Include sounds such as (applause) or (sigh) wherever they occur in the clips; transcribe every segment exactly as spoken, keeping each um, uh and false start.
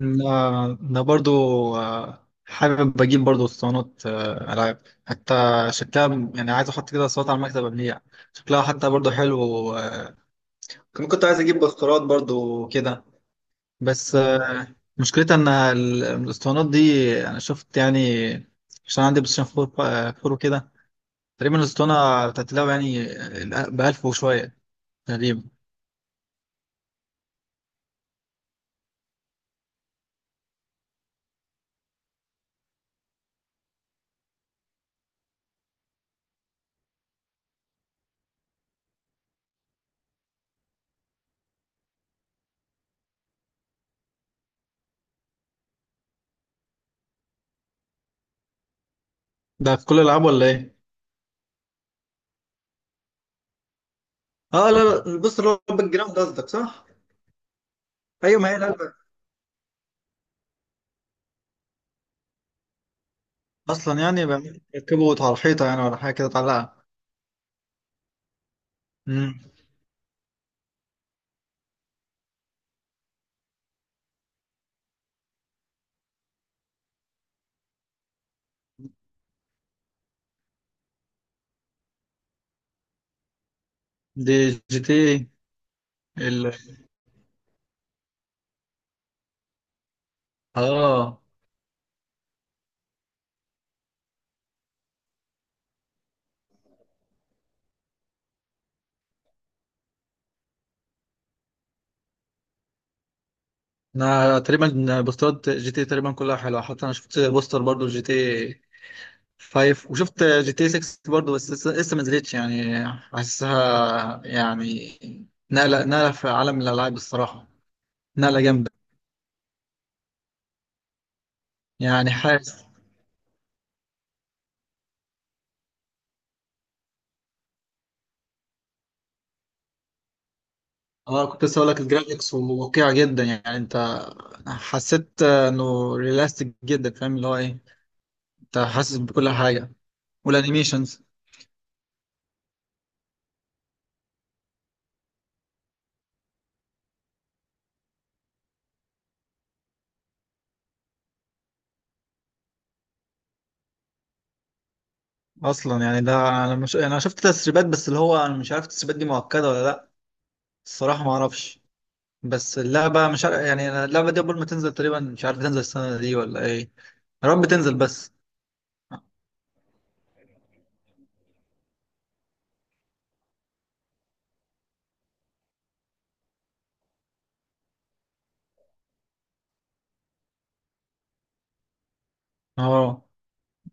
لا، أنا برضو آه، حابب أجيب برضو اسطوانات آه، ألعاب حتى شكلها. يعني عايز أحط كده اسطوانات على المكتب أبنية، شكلها حتى برضو حلو. آه، كمان كنت عايز أجيب بخارات برضو كده، بس آه، مشكلتها إن ال- الاسطوانات دي، أنا شفت يعني، عشان عندي بلايستيشن فور. آه، فور وكده، تقريبا الاسطوانة بتاعت اللعبة يعني بألف وشوية تقريبا. ده في كل الألعاب ولا إيه؟ اه لا لا، بص اللي هو الباك جراوند قصدك، صح؟ ايوه، ما هي لا، اصلا يعني بيركبوا على الحيطه يعني، ولا حاجه كده تعلقها؟ امم، دي جي تي إيه. ال، اه، انا تقريبا بوستات جي تي إيه تقريبا كلها حلوه. حتى انا شفت بوستر برضو جي تي خمسة، وشفت جي تي ستة برضو، بس لسه لسه ما نزلتش. يعني حاسسها يعني نقله نقله في عالم الالعاب الصراحه، نقله جامده. يعني حاسس، اه، كنت لسه اقول لك الجرافيكس واقعي جدا. يعني انت حسيت انه ريلاستيك جدا، فاهم اللي هو ايه؟ انت حاسس بكل حاجه، والانيميشنز. اصلا يعني ده انا مش انا شفت تسريبات، بس اللي هو انا مش عارف التسريبات دي مؤكده ولا لا. الصراحه ما اعرفش. بس اللعبه مش عارف، يعني أنا اللعبه دي قبل ما تنزل تقريبا مش عارف تنزل السنه دي ولا ايه. يا رب تنزل بس. اه،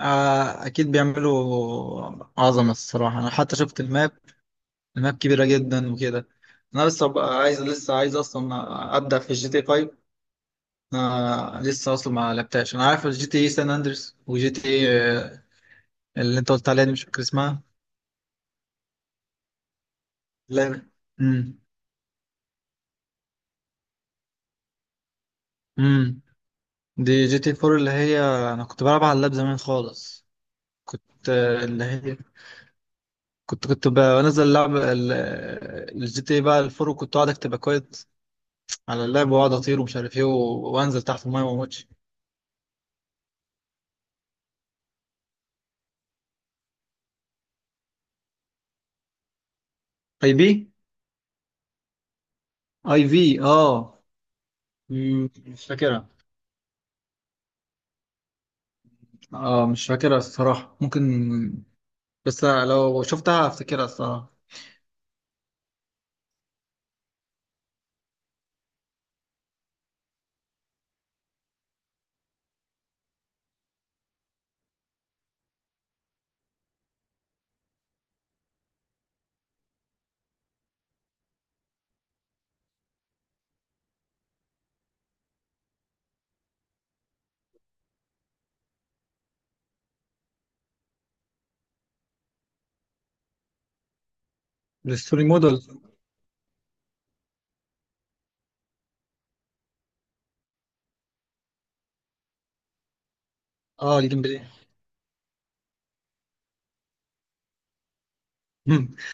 آه، اكيد بيعملوا عظمه الصراحه. انا حتى شفت الماب، الماب كبيره جدا وكده. انا لسه بقى عايز، لسه عايز اصلا ابدا في الجي تي خمسة. آه، لسه اصلا ما لعبتهاش. انا عارف الجي تي سان اندريس، وجي تي اللي انت قلت عليها دي مش فاكر اسمها. لا، امم. امم، دي جي تي أربعة اللي هي، انا كنت بلعب على اللاب زمان خالص. كنت آه، اللي هي، كنت كنت بنزل اللعب، الجي تي بقى الفور، وكنت اقعد اكتب اكواد على اللاب، واقعد اطير ومش عارف ايه، و- وانزل تحت المايه وما اموتش. اي بي، اي في، اه. مم، مش فاكرها. اه مش فاكرها الصراحة، ممكن. بس لو شفتها افتكرها الصراحة. الستوري موديل. اه، الجيم بلاي. (laughs)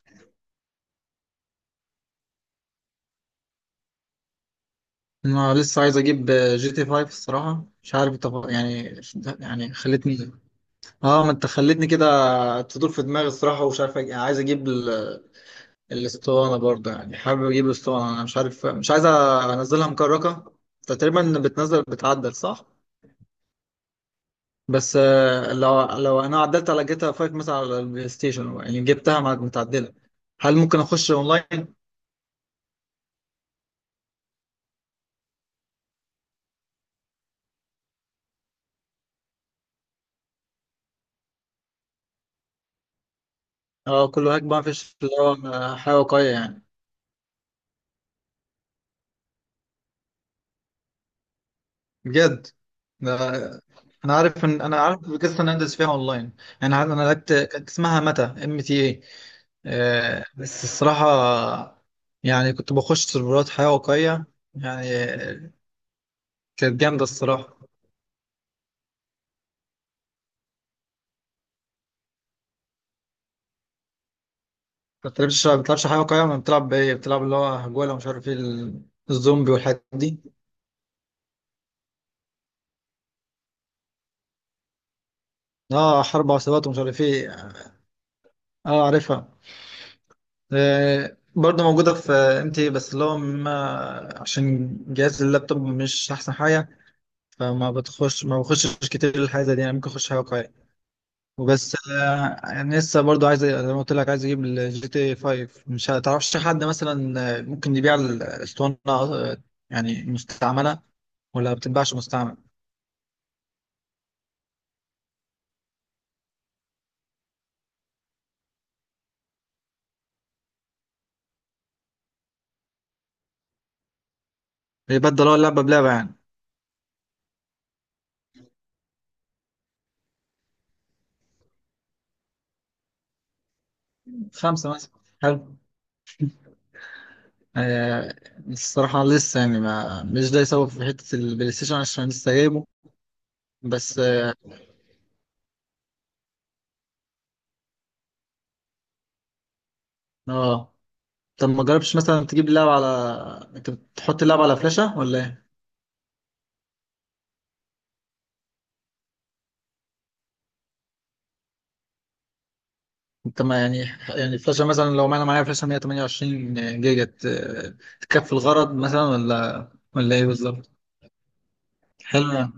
انا لسه عايز اجيب جي تي خمسة الصراحه، مش عارف انت يعني. يعني خلتني، اه ما انت خلتني كده تدور في دماغي الصراحه. ومش عارف أج- يعني عايز اجيب ال- الاسطوانه برضه. يعني حابب اجيب الاسطوانه، انا مش عارف، مش عايز انزلها مكركه. أنت تقريبا بتنزل بتعدل، صح؟ بس آه، لو، لو انا عدلت على جيتا خمسة مثلا على البلاي ستيشن، يعني جبتها مع- متعدله، هل ممكن اخش اونلاين؟ اه كله هاك بقى، مفيش اللي هو آه، حاجه واقعيه يعني. بجد؟ ده انا عارف ان، انا عارف قصه ان اندرس فيها اونلاين. يعني عارف، انا لعبت، كانت اسمها متى ام تي اي. بس الصراحه، يعني كنت بخش سيرفرات حياه واقعيه يعني، كانت جامده الصراحه. ما بتلعبش ما بتلعبش حياه واقعيه، ما بتلعب بايه؟ بتلعب اللي هو هجوله ومش عارف ايه، ال- الزومبي والحاجات دي. اه، حرب عصابات ومش عارف ايه. اه عارفها. آه، برضه موجوده في ام تي، بس اللي هو ما- عشان جهاز اللابتوب مش احسن حاجه، فما بتخش، ما بخشش كتير الحاجه دي. يعني ممكن اخش حاجه واقعيه وبس. آه، يعني لسه برضو عايز، زي ما قلت لك، عايز اجيب الجي تي خمسة. مش هتعرفش حد مثلا آه، ممكن يبيع الاسطوانه، آه، يعني مستعمله، ولا بتتباعش مستعمل؟ بيبدل هو اللعبه بلعبه يعني؟ خمسه مثلا. حلو. آه. الصراحه لسه يعني ما مش ده يسوي في حته البلاي ستيشن، عشان لسه جايبه. بس اه، آه. طب ما جربتش مثلا تجيب اللعبه على، انت بتحط اللعبه على فلاشه ولا إيه؟ انت ما يعني، يعني الفلاشة مثلا، لو انا معايا فلاشة مية وتمنية وعشرين جيجا، ت- تكفي الغرض مثلا، ولا ولا ايه بالظبط؟ حلو يعني.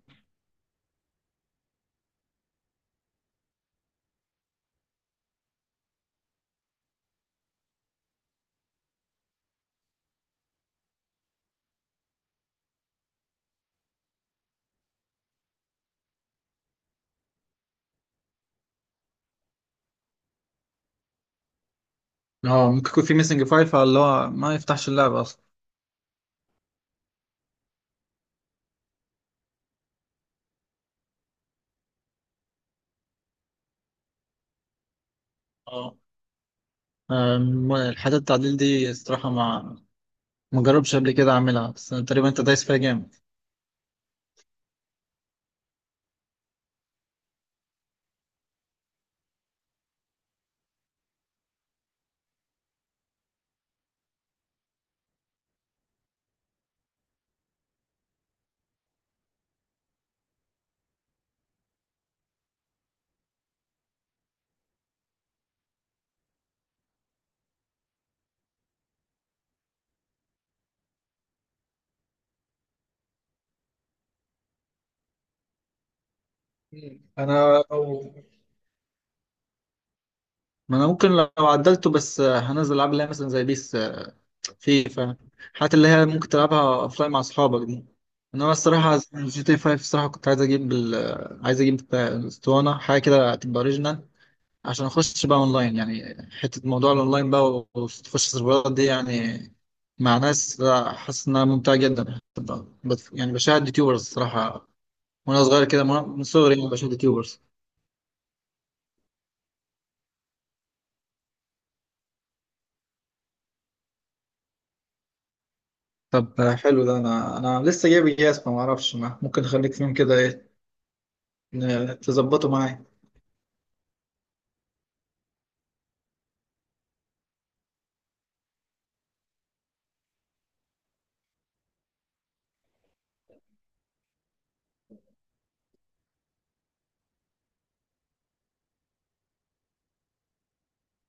اه ممكن يكون في ميسنج فايل، فاللي هو ما يفتحش اللعبة اصلا. اه، أم، الحاجات التعديل دي الصراحة ما ما جربش قبل كده اعملها. بس تقريبا انت دايس فيها جامد. مم. انا أو... ما انا ممكن لو عدلته، بس هنزل العاب اللي هي مثلا زي بيس، في فعلا الحاجات اللي هي ممكن تلعبها اوفلاين مع اصحابك دي. انا الصراحه جي تي خمسة الصراحه كنت عايز اجيب ال... عايز اجيب بتاع اسطوانه، حاجه كده تبقى اوريجينال، عشان اخش بقى اونلاين. يعني حته موضوع الاونلاين بقى وتخش السيرفرات دي، يعني مع ناس، لا، حاسس انها ممتعه جدا. طب- بت- يعني بشاهد يوتيوبرز الصراحه، وانا صغير كده، من من صغري يعني بشاهد يوتيوبرز. طب حلو، ده انا، انا لسه جايب جهاز ما اعرفش، ما ممكن اخليك فيهم كده ايه، ن- تظبطه معايا.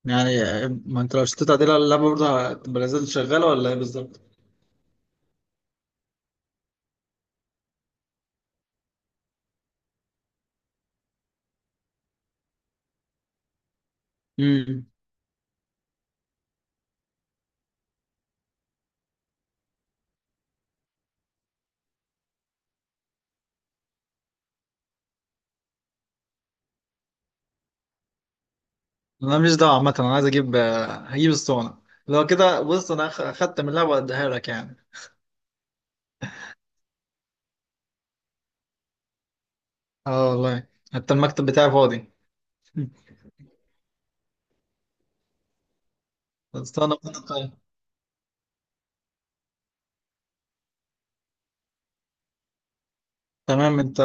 يعني ما انت لو شتيت عديل على اللعبه، برضه هتبقى لازال شغاله ولا ايه بالظبط؟ امم. انا مش دعوه عامه، انا عايز اجيب، هجيب الصونه. لو كده بص انا أخ- اخدت من اللعبه واديها لك يعني. اه والله. حتى المكتب بتاعي فاضي. (laughs) الصونه. تمام، انت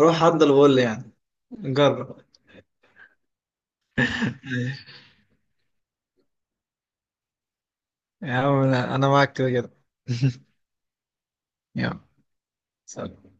روح عدى الغل يعني، جرب. (laughs) يا عم انا، أنا معاك كده كده. (laughs) يلا، سلام.